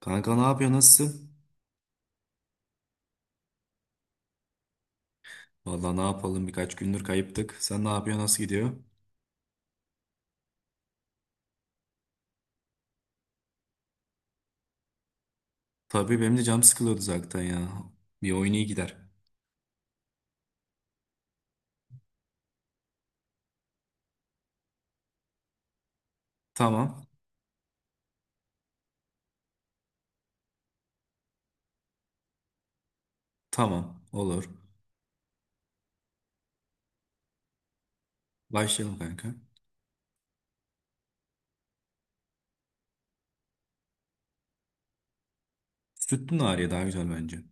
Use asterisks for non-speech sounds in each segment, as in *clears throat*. Kanka ne yapıyor, nasılsın? Vallahi ne yapalım, birkaç gündür kayıptık. Sen ne yapıyor, nasıl gidiyor? Tabii benim de canım sıkılıyordu zaten ya. Bir oyun iyi gider. Tamam. Tamam. Olur. Başlayalım kanka. Sütlü Nariye daha güzel bence.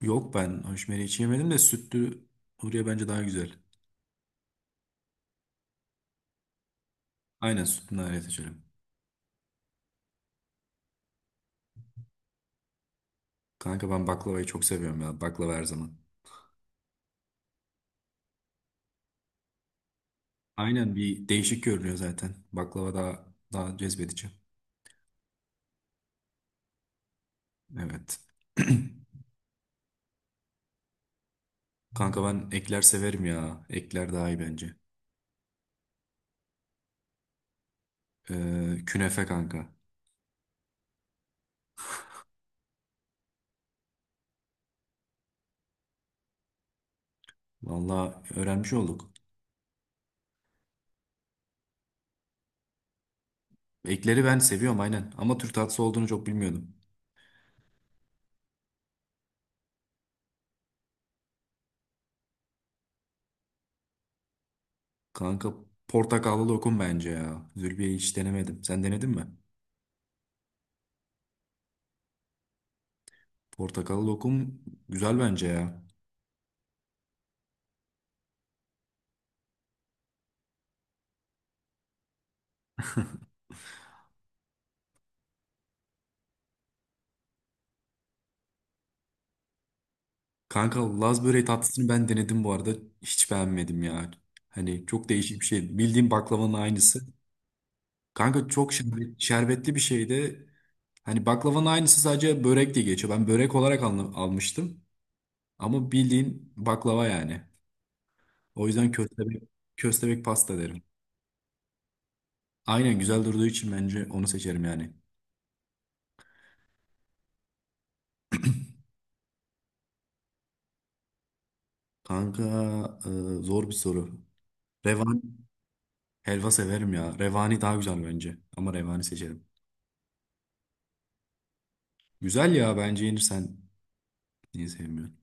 Yok, ben hoşmeri hiç yemedim de sütlü Huriye bence daha güzel. Aynen, sütlü Nariye seçelim. Kanka ben baklavayı çok seviyorum ya. Baklava her zaman. Aynen, bir değişik görünüyor zaten. Baklava daha daha cezbedici. Evet. *clears throat* Kanka ben ekler severim ya. Ekler daha iyi bence. Künefe kanka. Valla öğrenmiş olduk. Ekleri ben seviyorum aynen. Ama Türk tatlısı olduğunu çok bilmiyordum. Kanka portakallı lokum bence ya. Zülbiye'yi hiç denemedim. Sen denedin mi? Portakallı lokum güzel bence ya. Kanka Laz böreği tatlısını ben denedim bu arada. Hiç beğenmedim ya. Hani çok değişik bir şey. Bildiğim baklavanın aynısı. Kanka çok şerbetli bir şeydi. Hani baklavanın aynısı, sadece börek diye geçiyor. Ben börek olarak almıştım. Ama bildiğin baklava yani. O yüzden köstebek, köstebek pasta derim. Aynen, güzel durduğu için bence onu seçerim yani. Kanka e, zor bir soru. Revan helva severim ya. Revani daha güzel bence. Ama revani seçerim. Güzel ya, bence yenir sen. Niye sevmiyorsun?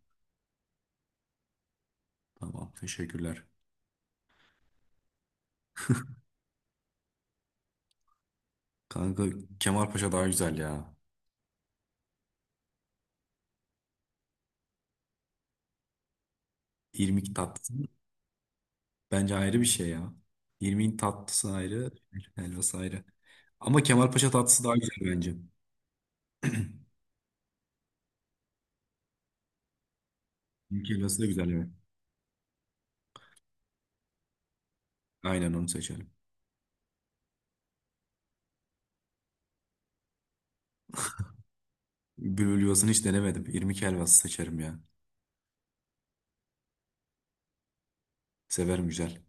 Tamam, teşekkürler. Kanka Kemalpaşa daha güzel ya. İrmik tatlısı. Bence ayrı bir şey ya. İrmiğin tatlısı ayrı, helvası ayrı. Ama Kemalpaşa tatlısı daha güzel bence. *clears throat* İrmik helvası da güzel, evet. Aynen onu seçerim. Bülbül yuvasını hiç denemedim. İrmik helvası seçerim ya. Severim, güzel.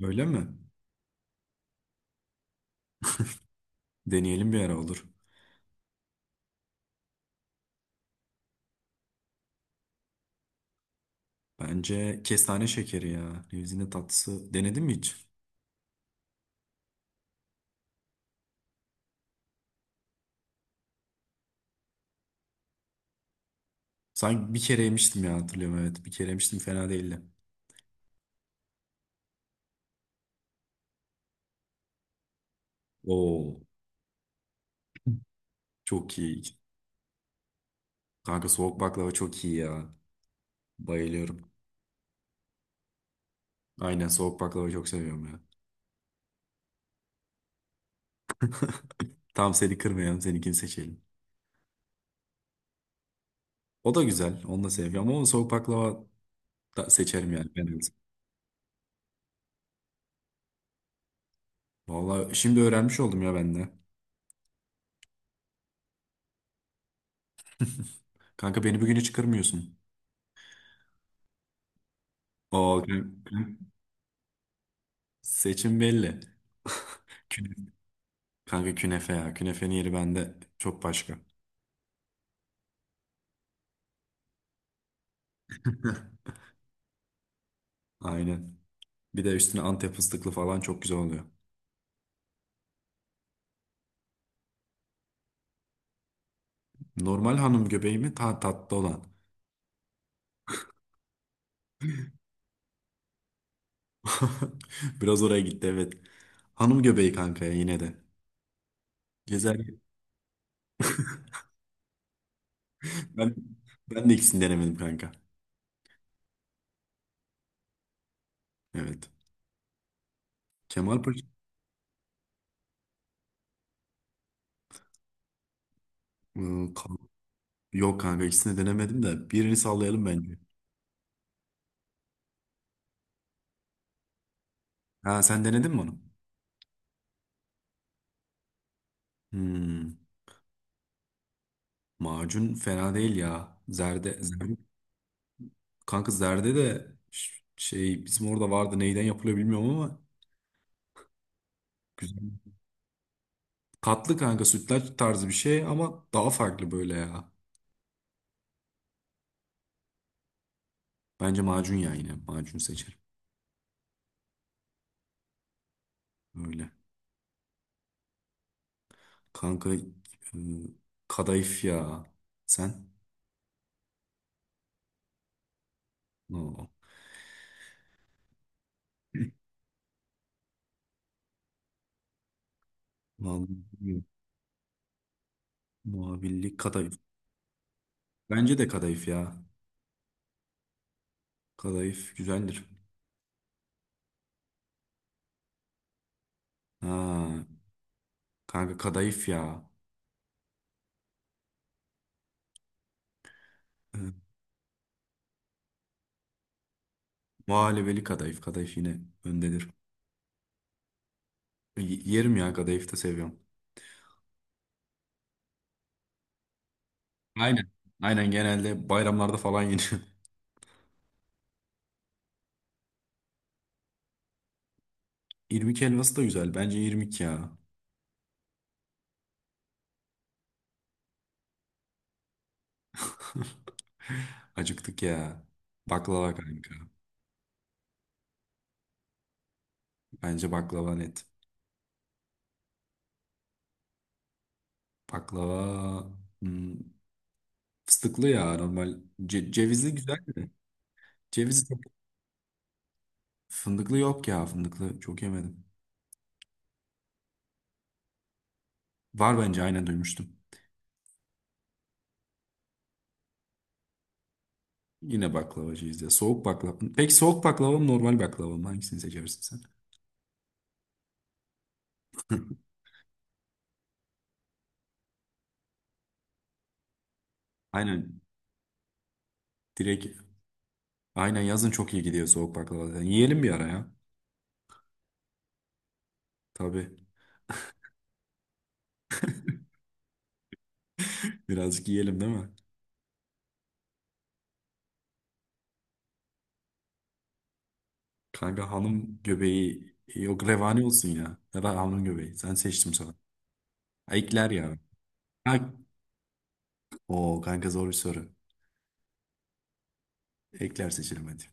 Öyle mi? Deneyelim bir ara, olur. Bence kestane şekeri ya. Nevzinde tatlısı. Denedin mi hiç? Sanki bir kere yemiştim ya, hatırlıyorum, evet. Bir kere yemiştim, fena değildi. Oo. Çok iyi. Kanka soğuk baklava çok iyi ya. Bayılıyorum. Aynen soğuk baklava çok seviyorum ya. Tam seni kırmayalım, seninkini seçelim. O da güzel, onu da seviyorum ama onu soğuk baklava da seçerim yani ben en azından. Vallahi şimdi öğrenmiş oldum ya ben de. Kanka beni bugün hiç kırmıyorsun. O seçim belli. *laughs* Künefe. Kanka künefe ya. Künefenin yeri bende çok başka. *laughs* Heh. Aynen. Bir de üstüne Antep fıstıklı falan çok güzel oluyor. Normal hanım göbeği mi? Ta tatlı olan. *laughs* Biraz oraya gitti, evet. Hanım göbeği kanka ya yine de. Güzel. *laughs* Ben, Ben de ikisini denemedim kanka. Evet. Kemal Paşa... Iı, Ka- Yok kanka, ikisini denemedim de birini sallayalım bence. Ha, sen denedin mi onu? Hmm, macun fena değil ya. Zerde, zerde kanka, zerde de şey, bizim orada vardı, neyden yapılıyor bilmiyorum ama güzel. Katlı kanka, sütlaç tarzı bir şey ama daha farklı böyle ya. Bence macun ya, yine macun seçerim. Öyle. Kanka kadayıf ya. Sen? No. Vallahi bilmiyorum. Muhabirlik kadayıf. Bence de kadayıf ya. Kadayıf güzeldir. Ha, kanka kadayıf ya. Ee, Muhallebeli kadayıf. Kadayıf yine öndedir. Yerim ya, kadayıf da seviyorum. Aynen. Aynen, genelde bayramlarda falan yeniyor. *laughs* İrmik helvası da güzel. Bence irmik ya. *laughs* Acıktık ya. Baklava kanka. Bence baklava net. Baklava hmm, fıstıklı ya normal. Cevizli güzel de. Cevizli. Fındıklı yok ya, fındıklı. Çok yemedim. Var bence, aynen duymuştum. Yine baklavacıyız ya. Soğuk baklava. Peki soğuk baklava mı normal baklava mı? Hangisini seçersin sen? *laughs* Aynen. Direkt. Aynen yazın çok iyi gidiyor soğuk baklava zaten. Yiyelim bir ara ya. Tabii. *laughs* Birazcık yiyelim, değil mi? Kanka hanım göbeği yok, revani olsun ya. Ya da hanım göbeği. Sen seçtim sana. Ha, ekler ya. Ha, o kanka zor bir soru. Ekler seçelim hadi.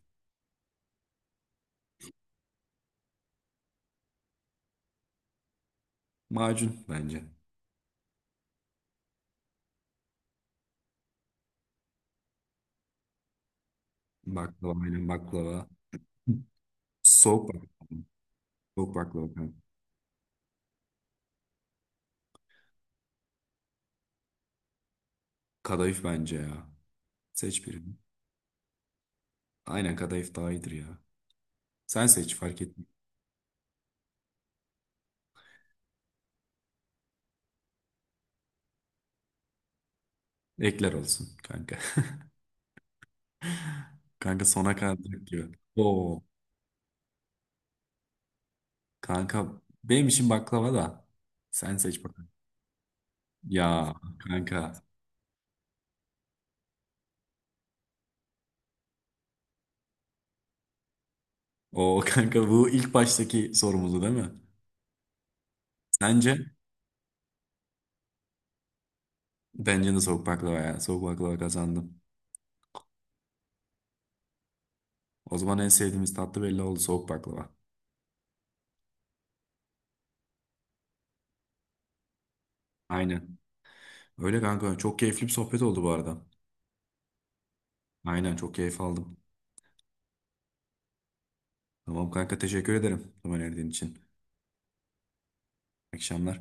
Macun bence. Baklava, aynen baklava. Soğuk bak. Soğuk baklava kanka. Kadayıf bence ya. Seç birini. Aynen kadayıf daha iyidir ya. Sen seç, fark etmiyor. Ekler olsun kanka. *laughs* Kanka sona kalacak diyor. Oo, kanka benim için baklava da. Sen seç bakalım. Ya kanka. O kanka bu ilk baştaki sorumuzdu değil mi? Sence? Bence de soğuk baklava ya. Soğuk baklava kazandım. O zaman en sevdiğimiz tatlı belli oldu, soğuk baklava. Aynen. Öyle kanka. Çok keyifli bir sohbet oldu bu arada. Aynen, çok keyif aldım. Tamam kanka, teşekkür ederim zaman verdiğin için. İyi akşamlar.